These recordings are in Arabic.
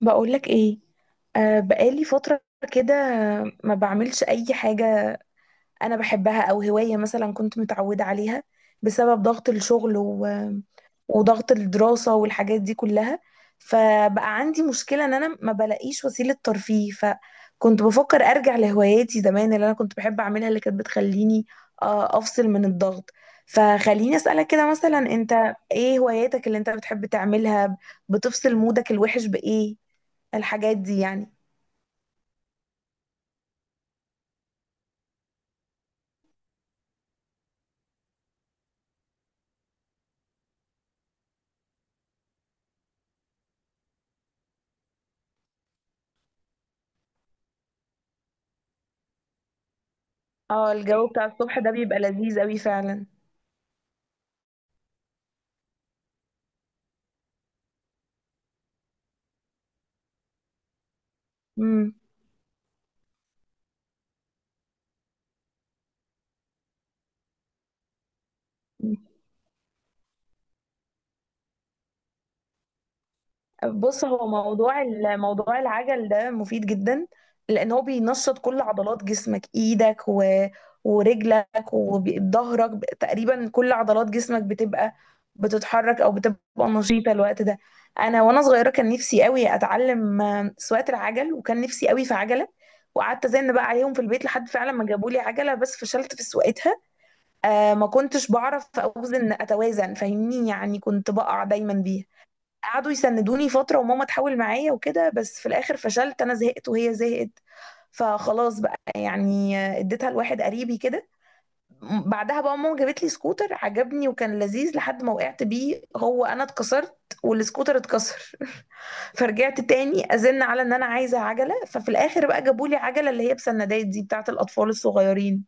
بقولك ايه؟ آه، بقالي فترة كده. ما بعملش اي حاجة انا بحبها او هواية مثلا كنت متعودة عليها بسبب ضغط الشغل و... وضغط الدراسة والحاجات دي كلها. فبقى عندي مشكلة ان انا ما بلاقيش وسيلة ترفيه، فكنت بفكر ارجع لهواياتي زمان اللي انا كنت بحب اعملها، اللي كانت بتخليني افصل من الضغط. فخليني اسألك كده، مثلا انت ايه هواياتك اللي انت بتحب تعملها؟ بتفصل مودك الوحش بايه؟ الحاجات دي يعني. اه، الجو بتاع الصبح ده بيبقى لذيذ قوي فعلا. امم. بص، هو موضوع موضوع العجل ده مفيد جدا، لان هو بينشط كل عضلات جسمك، ايدك و... ورجلك وظهرك، تقريبا كل عضلات جسمك بتبقى بتتحرك او بتبقى نشيطه الوقت ده. انا وانا صغيره كان نفسي قوي اتعلم سواقه العجل، وكان نفسي قوي في عجله، وقعدت ازن بقى عليهم في البيت لحد فعلا ما جابوا لي عجله، بس فشلت في سواقتها. ما كنتش بعرف اتوازن، فاهمني؟ يعني كنت بقع دايما بيها. قعدوا يسندوني فترة وماما تحاول معايا وكده، بس في الاخر فشلت، انا زهقت وهي زهقت، فخلاص بقى يعني اديتها لواحد قريبي كده. بعدها بقى ماما جابت لي سكوتر عجبني وكان لذيذ، لحد ما وقعت بيه، هو انا اتكسرت والسكوتر اتكسر. فرجعت تاني ازن على ان انا عايزه عجله، ففي الاخر بقى جابوا لي عجله اللي هي بسندات دي بتاعه الاطفال الصغيرين.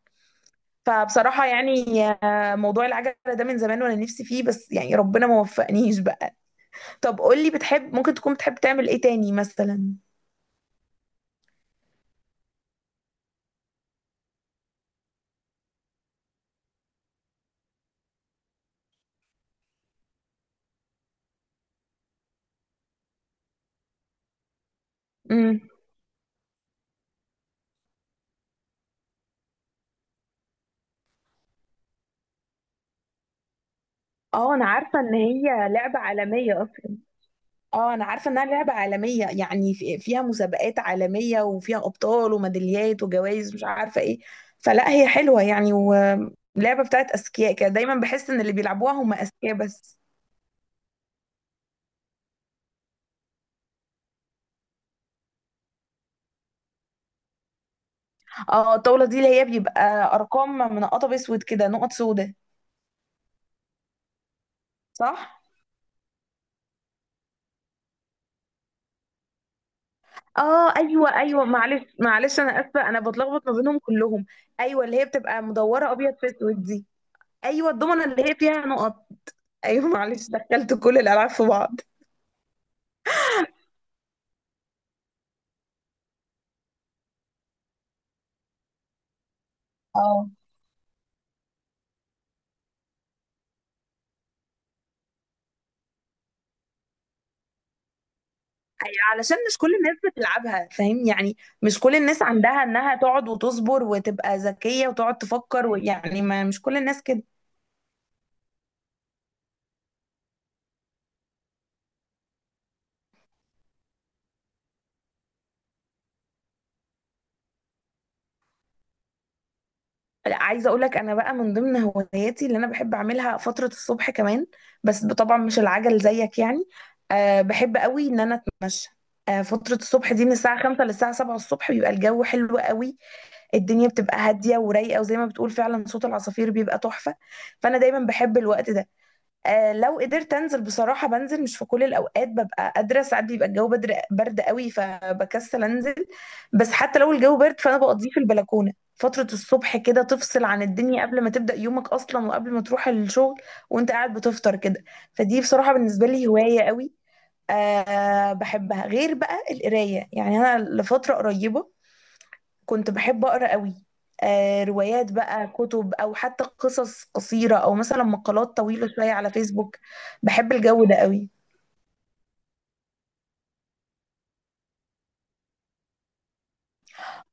فبصراحة يعني موضوع العجلة ده من زمان وانا نفسي فيه، بس يعني ربنا ما وفقنيش بقى. طب قولي، بتحب ممكن تكون بتحب تعمل ايه تاني مثلا؟ امم. اه، انا عارفه ان هي لعبه عالميه اصلا. اه، انا عارفة انها لعبة عالمية، يعني فيها مسابقات عالمية وفيها ابطال وميداليات وجوائز مش عارفة ايه. فلا، هي حلوة يعني، ولعبة بتاعت اذكياء كده، دايما بحس ان اللي بيلعبوها هم اذكياء بس. اه، الطاولة دي اللي هي بيبقى ارقام من قطب اسود كده، نقط سودة، صح؟ اه، ايوه ايوه، معلش معلش، انا اسفه، انا بتلخبط ما بينهم كلهم. ايوه اللي هي بتبقى مدوره ابيض في اسود دي. ايوه، الضمنه اللي هي فيها نقط. ايوه، معلش، دخلت كل الالعاب في بعض. اه، أيوة، علشان مش كل الناس بتلعبها، فاهم يعني؟ مش كل الناس عندها انها تقعد وتصبر وتبقى ذكيه وتقعد تفكر، ويعني ما مش كل الناس كده. لا، عايزه اقول لك، انا بقى من ضمن هواياتي اللي انا بحب اعملها فتره الصبح كمان، بس طبعا مش العجل زيك يعني. بحب قوي ان انا اتمشى. فتره الصبح دي، من الساعه 5 للساعه 7 الصبح بيبقى الجو حلو قوي، الدنيا بتبقى هاديه ورايقه، وزي ما بتقول فعلا صوت العصافير بيبقى تحفه. فانا دايما بحب الوقت ده. لو قدرت انزل، بصراحه بنزل. مش في كل الاوقات ببقى قادره، ساعات بيبقى الجو برد قوي فبكسل انزل، بس حتى لو الجو برد فانا بقضيه في البلكونه فتره الصبح كده، تفصل عن الدنيا قبل ما تبدا يومك اصلا، وقبل ما تروح الشغل، وانت قاعد بتفطر كده. فدي بصراحه بالنسبه لي هوايه قوي. بحبها، غير بقى القرايه، يعني انا لفتره قريبه كنت بحب أقرأ قوي. روايات بقى، كتب، أو حتى قصص قصيرة، أو مثلا مقالات طويلة شوية على فيسبوك. بحب الجو ده قوي.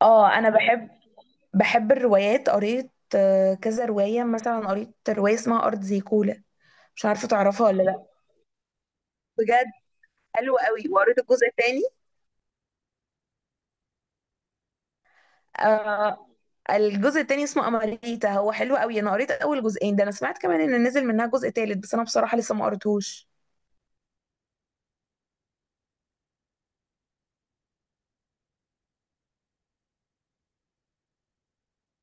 اه، أنا بحب الروايات، قريت كذا رواية، مثلا قريت رواية اسمها أرض زي كولا. مش عارفة تعرفها ولا لأ؟ بجد حلو قوي، وقريت الجزء التاني. آه الجزء التاني اسمه أماريتا، هو حلو قوي. أنا قريت أول جزئين ده، أنا سمعت كمان إن نزل منها جزء تالت، بس أنا بصراحة لسه ما قريتهوش.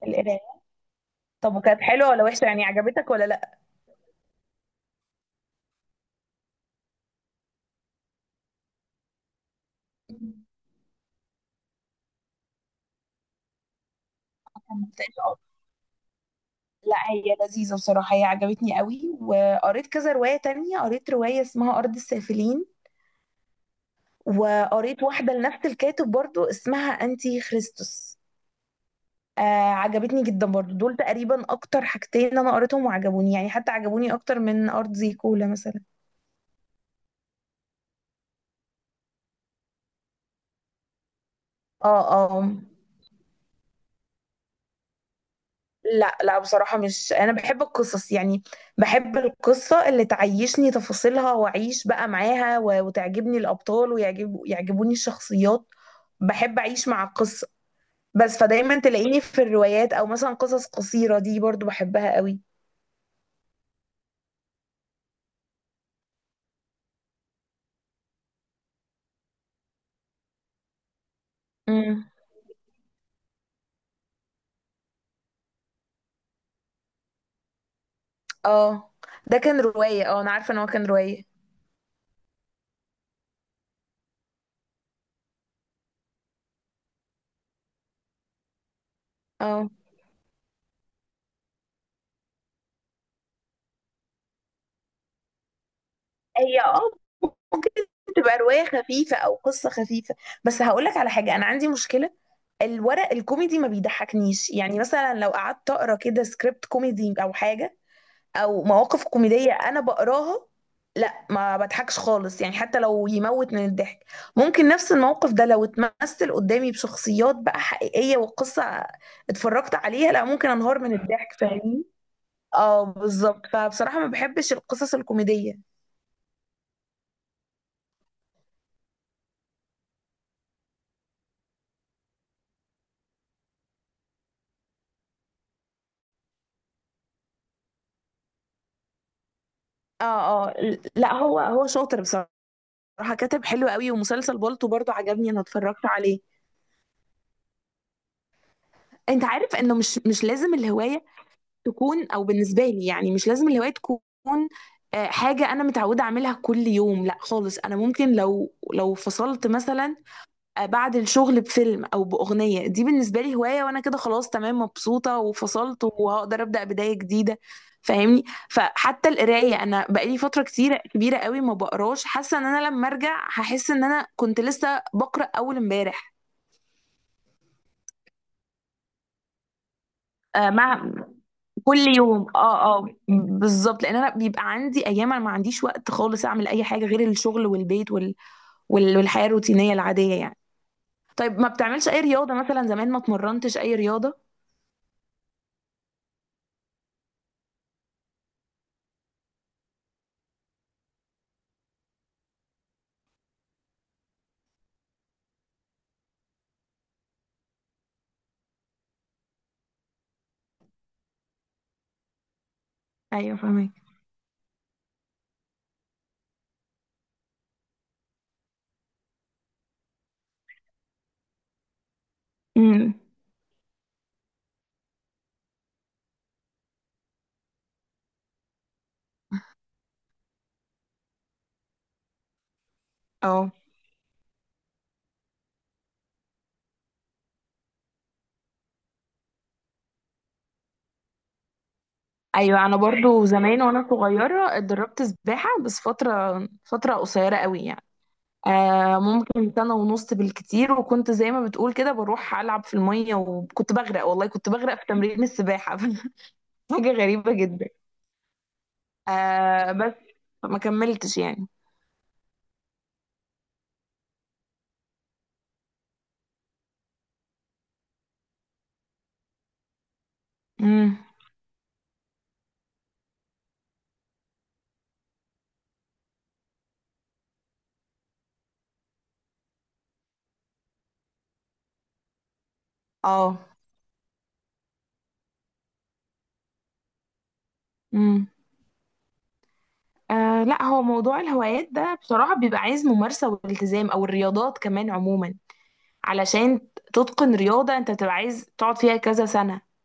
القراية. طب، وكانت حلوة ولا وحشة يعني، عجبتك ولا لأ؟ كانت تقريباً، لا هي لذيذة بصراحة، هي عجبتني قوي. وقريت كذا رواية تانية، قريت رواية اسمها أرض السافلين، وقريت واحدة لنفس الكاتب برضو اسمها أنتي خريستوس. آه عجبتني جدا برضو. دول تقريبا أكتر حاجتين أنا قريتهم وعجبوني، يعني حتى عجبوني أكتر من أرض زي كولا مثلا. اه. اه. لا لا، بصراحة مش، أنا بحب القصص يعني. بحب القصة اللي تعيشني تفاصيلها وأعيش بقى معاها، وتعجبني الأبطال، يعجبوني الشخصيات. بحب أعيش مع القصة. بس فدايما تلاقيني في الروايات، أو مثلا قصص قصيرة دي برضو بحبها قوي. امم. اه، ده كان رواية، اه أنا عارفة إن هو كان رواية. اه. هي تبقى رواية خفيفة أو قصة خفيفة. بس هقولك على حاجة، أنا عندي مشكلة، الورق الكوميدي ما بيضحكنيش، يعني مثلا لو قعدت أقرأ كده سكريبت كوميدي أو حاجة، أو مواقف كوميدية أنا بقراها، لا ما بضحكش خالص، يعني حتى لو يموت من الضحك. ممكن نفس الموقف ده لو اتمثل قدامي بشخصيات بقى حقيقية وقصة اتفرجت عليها، لا ممكن أنهار من الضحك، فاهمين؟ اه بالظبط، فبصراحة ما بحبش القصص الكوميدية. اه. اه، لا هو، شاطر بصراحة، راح كاتب حلو قوي، ومسلسل بالطو برضو عجبني، انا اتفرجت عليه. انت عارف انه مش مش لازم الهوايه تكون، او بالنسبه لي يعني مش لازم الهوايه تكون حاجه انا متعوده اعملها كل يوم، لا خالص. انا ممكن لو فصلت مثلا بعد الشغل بفيلم او باغنيه، دي بالنسبه لي هوايه، وانا كده خلاص تمام مبسوطه وفصلت، وهقدر ابدا بدايه جديده. فاهمني؟ فحتى القرايه، انا بقالي فتره كتيره كبيره قوي ما بقراش، حاسه ان انا لما ارجع هحس ان انا كنت لسه بقرا اول امبارح. مع كل يوم، اه اه، بالظبط، لان انا بيبقى عندي ايام انا ما عنديش وقت خالص اعمل اي حاجه غير الشغل والبيت وال... وال... والحياه الروتينيه العاديه يعني. طيب، ما بتعملش اي رياضه مثلا؟ زمان ما اتمرنتش اي رياضه؟ ايوه، فاهمك. امم. اه. ايوه، انا برضو زمان وانا صغيره اتدربت سباحه، بس فتره قصيره قوي يعني. ممكن سنة ونص بالكتير، وكنت زي ما بتقول كده بروح ألعب في المية، وكنت بغرق والله، كنت بغرق في تمرين السباحة. حاجة غريبة جدا. بس ما كملتش يعني. امم. اه. امم. لا، هو موضوع الهوايات ده بصراحة بيبقى عايز ممارسة والتزام، او الرياضات كمان عموما، علشان تتقن رياضة انت بتبقى عايز تقعد فيها كذا سنة.